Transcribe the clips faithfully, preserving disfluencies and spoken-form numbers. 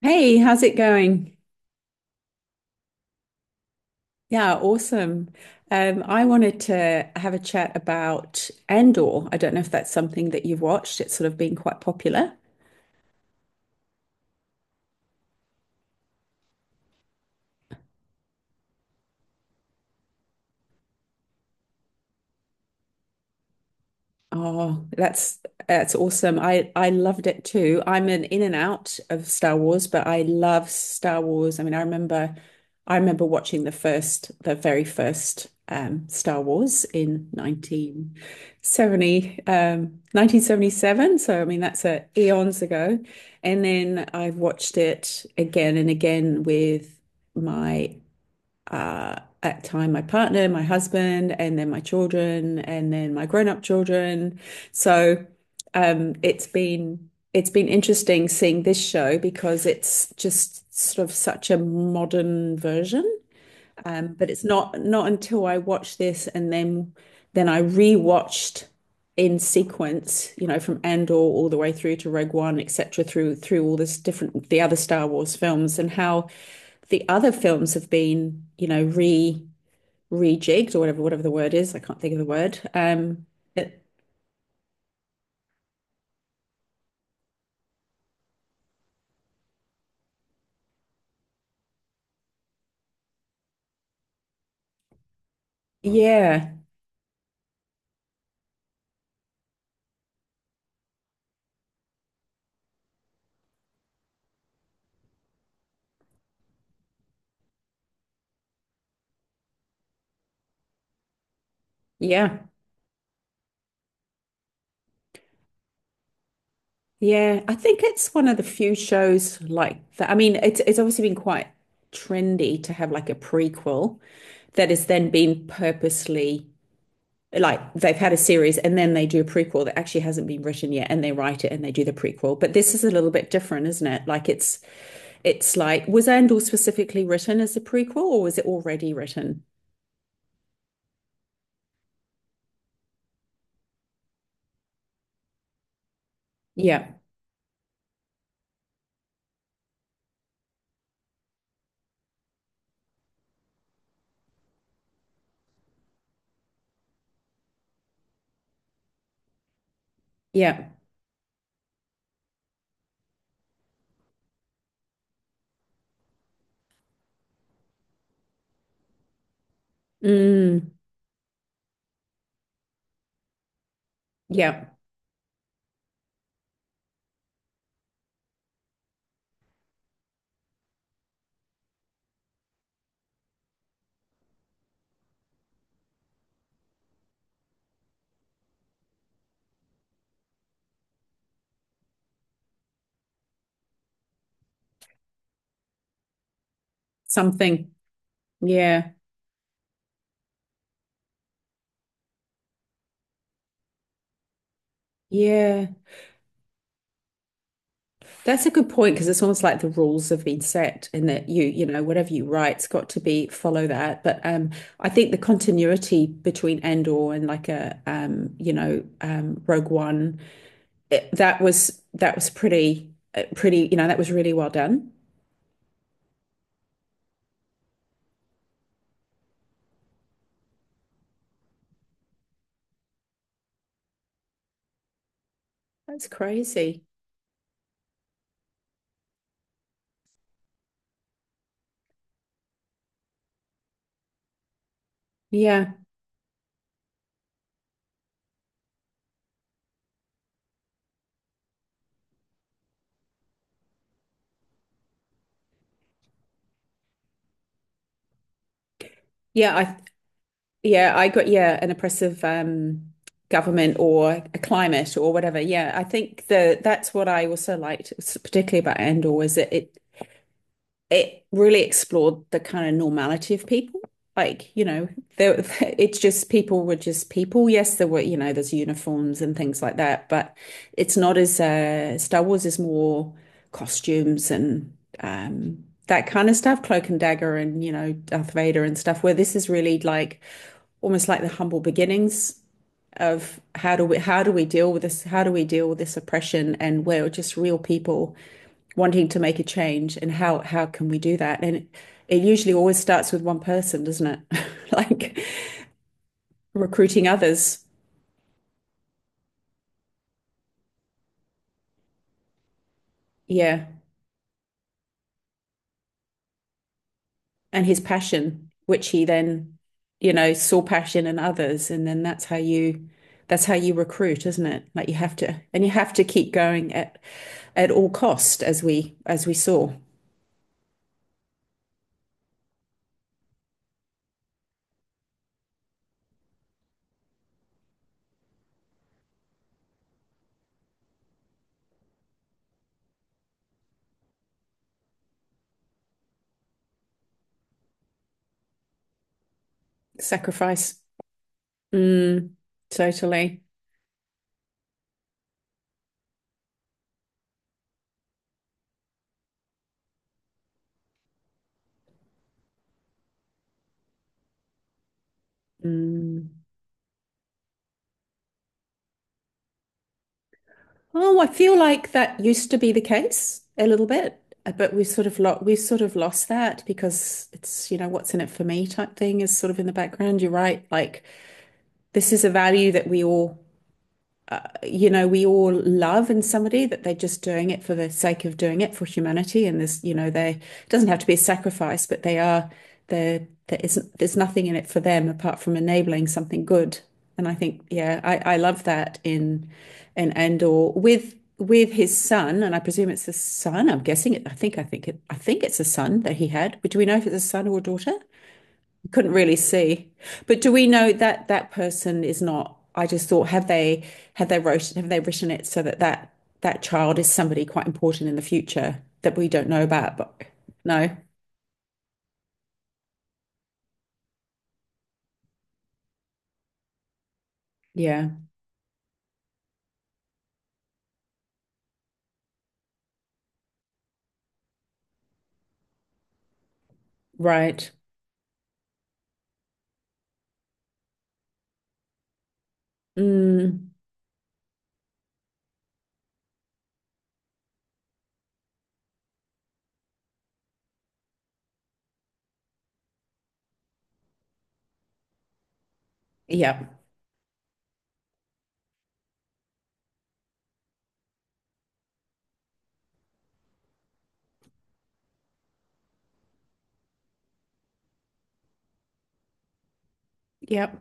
Hey, how's it going? Yeah, awesome. Um, I wanted to have a chat about Andor. I don't know if that's something that you've watched. It's sort of been quite popular. Oh, that's that's awesome. I I loved it too. I'm an in and out of Star Wars, but I love Star Wars. I mean, I remember I remember watching the first the very first um Star Wars in nineteen seventy um nineteen seventy-seven. So I mean, that's uh, eons ago. And then I've watched it again and again with my uh, at time my partner, my husband, and then my children, and then my grown-up children. So um, it's been it's been interesting seeing this show because it's just sort of such a modern version, um, but it's not not until I watched this and then then I rewatched in sequence, you know, from Andor all the way through to Rogue One, et cetera, through through all this different the other Star Wars films and how the other films have been, you know, re rejigged or whatever whatever the word is. I can't think of the word. Um, yeah, yeah. Yeah, I think it's one of the few shows like that. I mean, it's it's obviously been quite trendy to have like a prequel that has then been purposely like they've had a series and then they do a prequel that actually hasn't been written yet and they write it and they do the prequel. But this is a little bit different, isn't it? Like it's it's like was Andor specifically written as a prequel or was it already written? Yeah. Yeah. Mm, yeah. Something. Yeah. Yeah. That's a good point because it's almost like the rules have been set and that you, you know, whatever you write's got to be follow that. But um, I think the continuity between Andor and like a, um, you know, um, Rogue One, it, that was that was pretty, uh, pretty, you know, that was really well done. That's crazy. Yeah, yeah. I Yeah, I got, yeah, an oppressive um, government or a climate or whatever. Yeah, I think the that's what I also liked, s- particularly about Andor, was that it it really explored the kind of normality of people. Like, you know, there, it's just people were just people. Yes, there were, you know, there's uniforms and things like that, but it's not as uh, Star Wars is more costumes and um, that kind of stuff, cloak and dagger and, you know, Darth Vader and stuff, where this is really like almost like the humble beginnings of how do we how do we deal with this? How do we deal with this oppression? And we're just real people wanting to make a change and how how can we do that? And it, it usually always starts with one person, doesn't it? Like recruiting others. Yeah. And his passion, which he then, you know, saw passion in others. And then that's how you that's how you recruit, isn't it? Like you have to and you have to keep going at at all cost as we as we saw. Sacrifice. Mm, totally. Mm. Oh, I feel like that used to be the case a little bit, uh, but we've sort of lost we've sort of lost that because it's, you know, what's in it for me type thing is sort of in the background. You're right. Like this is a value that we all, you know, we all love in somebody that they're just doing it for the sake of doing it for humanity. And there's, you know, they, it doesn't have to be a sacrifice, but they are, there, there isn't, there's nothing in it for them apart from enabling something good. And I think, yeah, I, I love that in, in Andor with, with his son, and I presume it's a son. I'm guessing it. I think, I think it, I think it's a son that he had. Do we know if it's a son or a daughter? Couldn't really see. But do we know that that person is not? I just thought, have they have they wrote have they written it so that that that child is somebody quite important in the future that we don't know about? But no, yeah, right. Mm, yeah, yeah,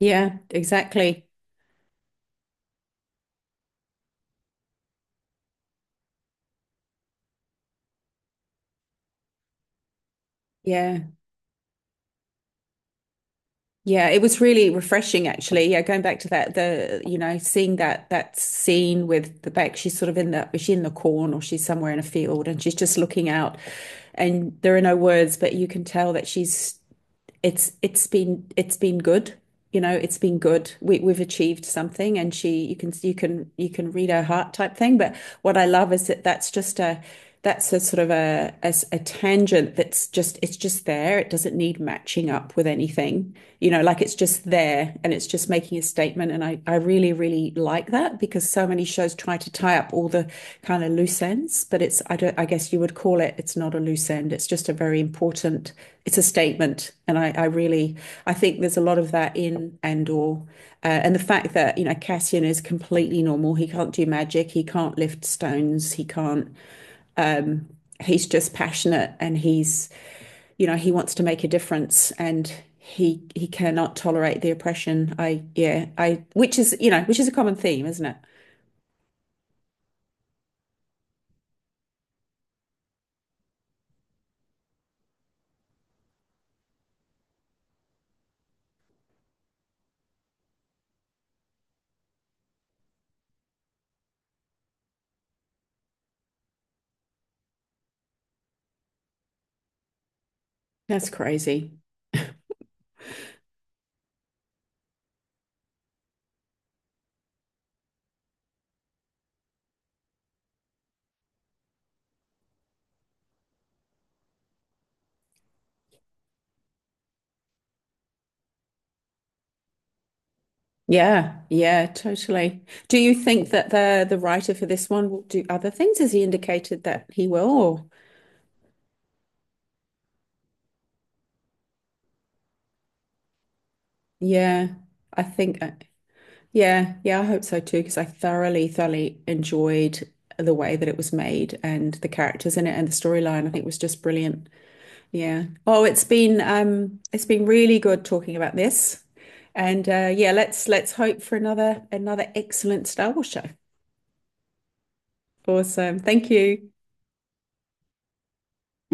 yeah, exactly. Yeah. Yeah, it was really refreshing actually. Yeah, going back to that, the you know, seeing that that scene with the back, she's sort of in the, is she in the corn or she's somewhere in a field and she's just looking out and there are no words, but you can tell that she's, it's it's been it's been good. You know, it's been good. We we've achieved something, and she, you can you can you can read her heart type thing. But what I love is that that's just a that's a sort of a, a a tangent that's just, it's just there. It doesn't need matching up with anything. You know, like it's just there, and it's just making a statement. And I I really, really, really like that because so many shows try to tie up all the kind of loose ends, but it's, I don't, I guess you would call it, it's not a loose end. It's just a very important, it's a statement. And I, I really, I think there's a lot of that in Andor. Uh, and the fact that, you know, Cassian is completely normal. He can't do magic. He can't lift stones. He can't he's just passionate and he's, you know, he wants to make a difference and he he cannot tolerate the oppression. I yeah, I which is, you know, which is a common theme, isn't it? That's crazy. Yeah, yeah, totally. Do you think that the the writer for this one will do other things? Has he indicated that he will? Or, yeah, I think uh, yeah, yeah, I hope so too because I thoroughly, thoroughly enjoyed the way that it was made and the characters in it and the storyline. I think was just brilliant. Yeah. Oh, it's been um it's been really good talking about this. And uh yeah, let's let's hope for another another excellent Star Wars show. Awesome. Thank you.